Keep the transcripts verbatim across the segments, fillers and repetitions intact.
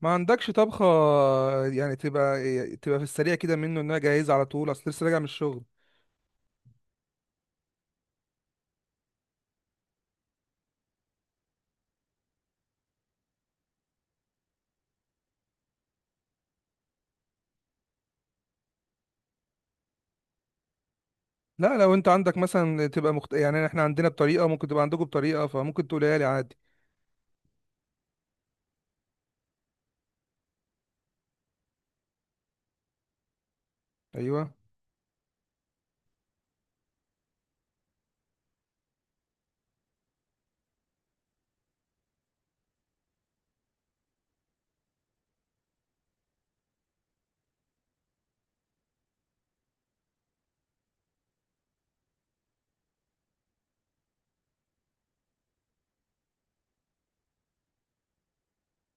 ما عندكش طبخة؟ يعني تبقى تبقى في السريع كده منه انها جاهزة على طول، اصل لسه راجع من الشغل. لا، لو انت عندك مثلا تبقى مخت... يعني احنا عندنا بطريقة، ممكن تبقى عندكم بطريقة، فممكن تقولها لي عادي. ايوه.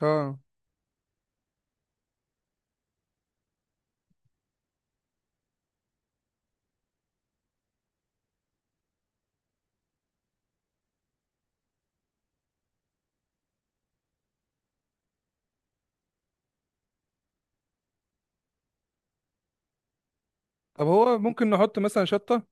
اه. طب هو ممكن نحط مثلا شطة؟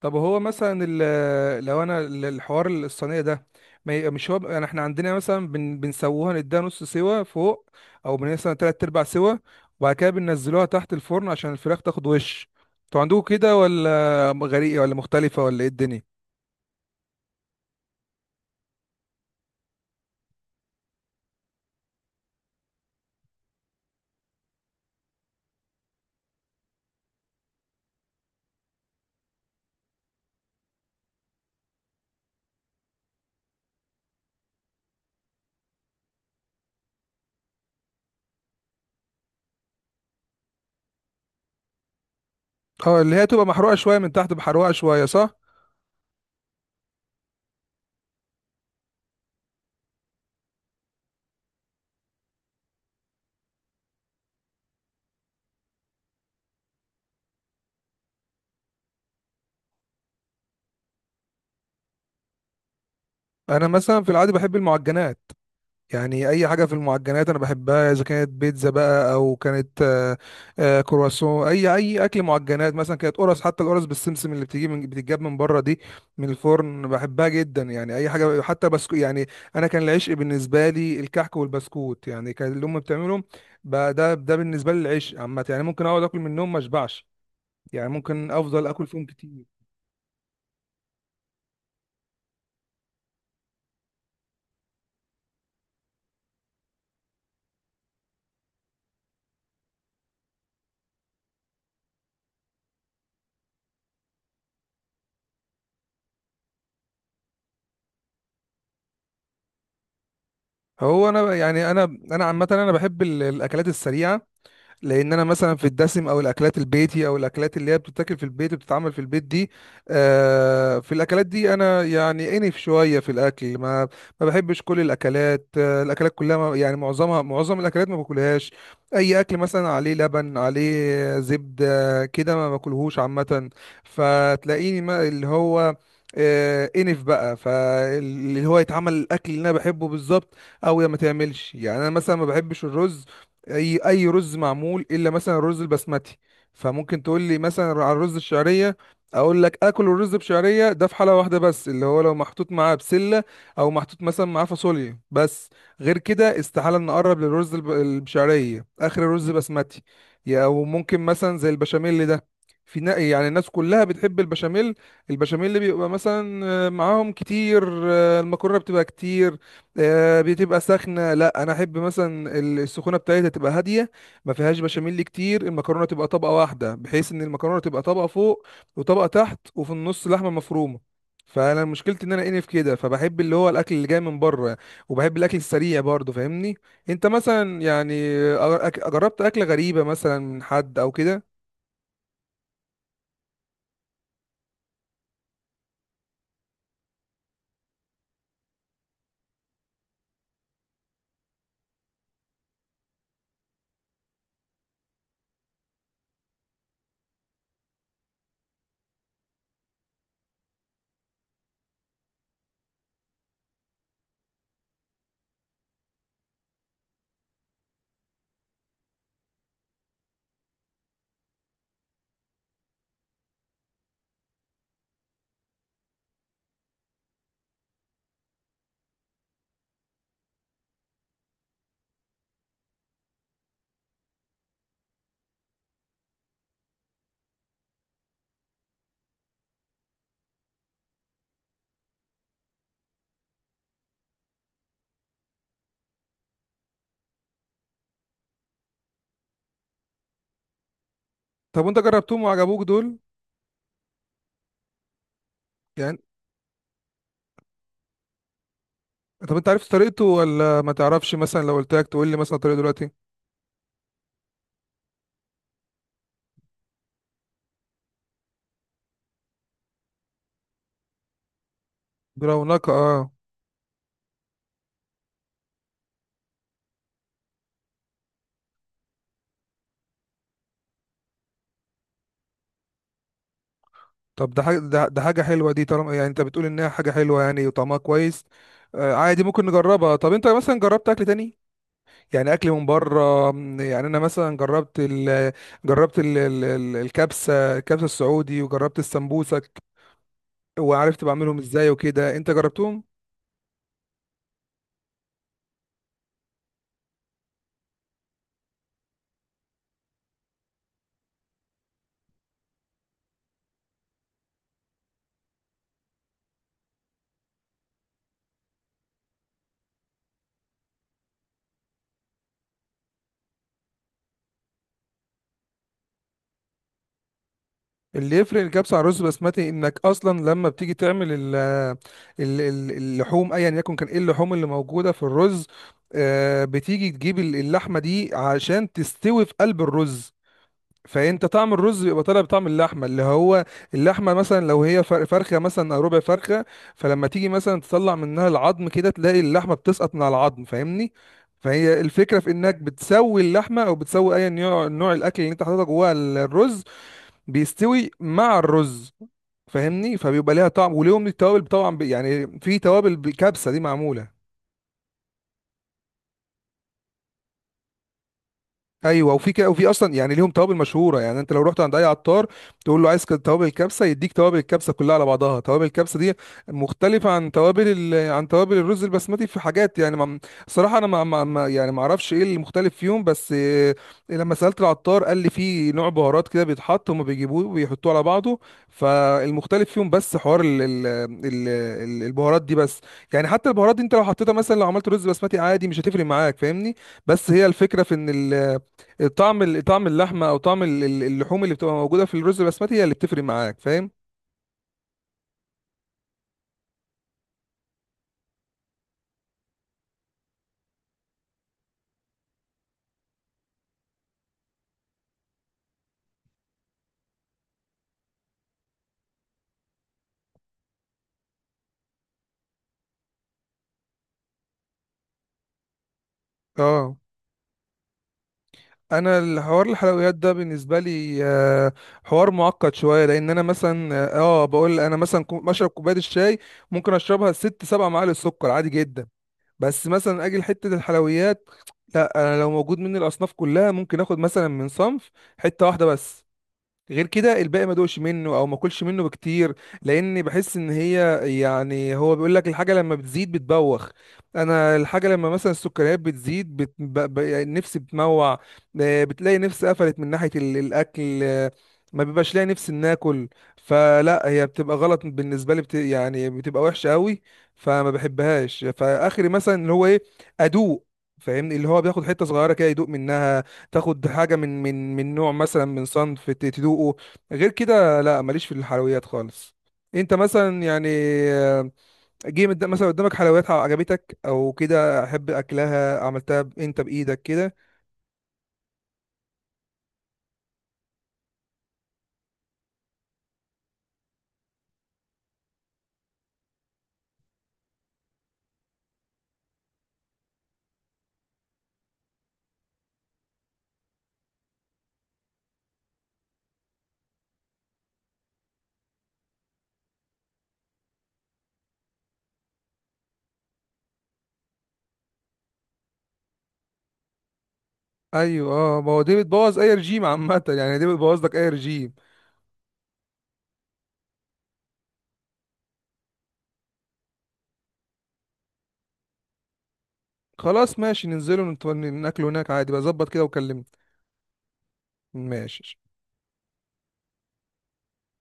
طب هو مثلا ال- لو انا ال- الحوار الصينيه ده، ما ي- مش هو يعني احنا عندنا مثلا بن بنسووها نديها نص سوا فوق، او بن- مثلا تلات ارباع سوا، وبعد كده بننزلوها تحت الفرن عشان الفراخ تاخد وش. انتوا عندكم كده ولا غريبه ولا مختلفه ولا ايه الدنيا؟ اه، اللي هي تبقى محروقه شويه من تحت، بحروقه شويه، صح. انا مثلا في العادي بحب المعجنات، يعني اي حاجه في المعجنات انا بحبها، اذا كانت بيتزا بقى او كانت آه، آه، كرواسون، اي اي اكل معجنات، مثلا كانت قرص، حتى القرص بالسمسم اللي بتيجي من بتتجاب من بره دي، من الفرن، بحبها جدا، يعني اي حاجه حتى بسكو يعني. انا كان العشق بالنسبه لي الكحك والبسكوت، يعني كان اللي امي بتعمله. بقى ده ده بالنسبه لي العشق عامه، يعني ممكن اقعد اكل منهم ما اشبعش، يعني ممكن افضل اكل فيهم كتير. هو انا يعني انا انا عامه انا بحب ال- الاكلات السريعه، لان انا مثلا في الدسم، او الاكلات البيتي او الاكلات اللي هي بتتاكل في البيت وبتتعمل في البيت دي، آه، في الاكلات دي انا يعني انف شويه في الاكل، ما ما بحبش كل الاكلات، آه، الاكلات كلها ما- يعني معظمها معظم الاكلات ما باكلهاش. اي اكل مثلا عليه لبن، عليه زبده كده، ما باكلهوش عامه. فتلاقيني ما اللي هو آه، انف بقى فاللي هو يتعمل الاكل اللي انا بحبه بالظبط، او يا ما تعملش، يعني انا مثلا ما بحبش الرز. اي اي رز معمول، الا مثلا الرز البسمتي، فممكن تقول لي مثلا على الرز الشعريه. اقول لك اكل الرز بشعريه ده في حاله واحده بس، اللي هو لو محطوط معاه بسله او محطوط مثلا معاه فاصوليا بس. غير كده استحاله نقرب للرز الب- البشعريه، اخر الرز بسمتي. يا- او ممكن مثلا زي البشاميل ده، في نا- يعني الناس كلها بتحب البشاميل. البشاميل اللي بيبقى مثلا آه، معاهم كتير، آه، المكرونه بتبقى كتير، آه، بتبقى سخنة. لا، انا احب مثلا ال- السخونة بتاعتها تبقى هادية، ما فيهاش بشاميل كتير، المكرونة تبقى طبقة واحدة، بحيث ان المكرونة تبقى طبقة فوق وطبقة تحت، وفي النص لحمة مفرومة. فانا مشكلتي ان انا انف كده، فبحب اللي هو الاكل اللي جاي من بره، وبحب الاكل السريع برضه، فاهمني؟ انت مثلا يعني أ- أك- جربت اكلة غريبة مثلا من حد او كده؟ طب وانت جربتهم وعجبوك دول؟ يعني طب انت عرفت طريقته ولا ما تعرفش؟ مثلا لو قلت لك تقول لي مثلا طريقه دلوقتي؟ برونقة، اه. طب ده حاجة، ده, ده حاجة حلوة دي، طالما يعني انت بتقول انها حاجة حلوة يعني وطعمها كويس. آه عادي، ممكن نجربها. طب انت مثلا جربت اكل تاني، يعني اكل من بره، م، يعني انا مثلا جربت ال جربت ال ال ال- الكبسة الكبسة السعودي، وجربت السمبوسك، وعرفت بعملهم ازاي وكده. انت جربتهم؟ اللي يفرق الكبسة عن الرز بسمتي انك اصلا لما بتيجي تعمل ال ال ال- اللحوم، ايا يكن كان ايه اللحوم اللي موجودة في الرز، آه، بتيجي تجيب ال- اللحمة دي عشان تستوي في قلب الرز. فانت طعم الرز بيبقى طالع بطعم اللحمه اللي هو اللحمه مثلا لو هي فر- فرخه، مثلا او ربع فرخه. فلما تيجي مثلا تطلع منها العظم كده، تلاقي اللحمه بتسقط من على العظم، فاهمني؟ فهي الفكره في انك بتسوي اللحمه او بتسوي اي نوع نوع الاكل اللي انت حاططها جوه ال- الرز، بيستوي مع الرز فاهمني. فبيبقى ليها طعم وليهم التوابل طبعا، ب- يعني في توابل بالكبسه دي معموله. ايوه، وفي كده، وفي اصلا يعني ليهم توابل مشهوره، يعني انت لو رحت عند اي عطار تقول له عايز كده توابل الكبسه، يديك توابل الكبسه كلها على بعضها. توابل الكبسه دي مختلفه عن توابل ال... عن توابل الرز البسمتي في حاجات، يعني ما... صراحه انا ما... ما... ما يعني ما اعرفش ايه المختلف فيهم، بس آه، لما سالت العطار قال لي في نوع بهارات كده بيتحط، هم بيجيبوه وبيحطوه على بعضه. فالمختلف فيهم بس حوار ال... ال... ال... ال- البهارات دي بس. يعني حتى البهارات دي انت لو حطيتها، مثلا لو عملت رز بسمتي عادي، مش هتفرق معاك، فاهمني؟ بس هي الفكره في ان ال... طعم طعم اللحمه او طعم ال- ال- اللحوم اللي بتبقى موجوده في الرز البسمتي هي اللي بتفرق معاك، فاهم؟ اه. انا الحوار الحلويات ده بالنسبه لي آه، حوار معقد شويه، لان انا مثلا اه آه، بقول انا مثلا كو- بشرب كوبايه الشاي ممكن اشربها ست سبع معالق سكر عادي جدا. بس مثلا اجي لحته الحلويات، لا، انا لو موجود مني الاصناف كلها ممكن اخد مثلا من صنف حته واحده بس، غير كده الباقي ما دوقش منه او ما اكلش منه بكتير. لان بحس ان هي، يعني هو بيقول لك الحاجه لما بتزيد بتبوخ. انا الحاجه لما مثلا السكريات بتزيد، بت... ب... ب... نفسي بتموع، آه، بتلاقي نفسي قفلت من ناحيه ال... الاكل، آه، ما بيبقاش لاقي نفسي ان اكل. فلا هي بتبقى غلط بالنسبه لي، بت... يعني بتبقى وحشه قوي، فما بحبهاش. فاخري مثلا اللي هو ايه؟ ادوق، فاهمني؟ اللي هو بياخد حته صغيره كده يدوق منها، تاخد حاجه من من من نوع، مثلا من صنف ت- تدوقه، غير كده لا، ماليش في الحلويات خالص. انت مثلا يعني، آه، جه مد- مثلا قدامك حلويات عجبتك او كده احب اكلها عملتها ب- انت بايدك كده؟ ايوه، اه، ما هو دي بتبوظ اي رجيم عامه يعني دي بتبوظ لك اي رجيم. خلاص ماشي، ننزله ونت- ناكله هناك عادي بظبط كده، وكلمني. ماشي.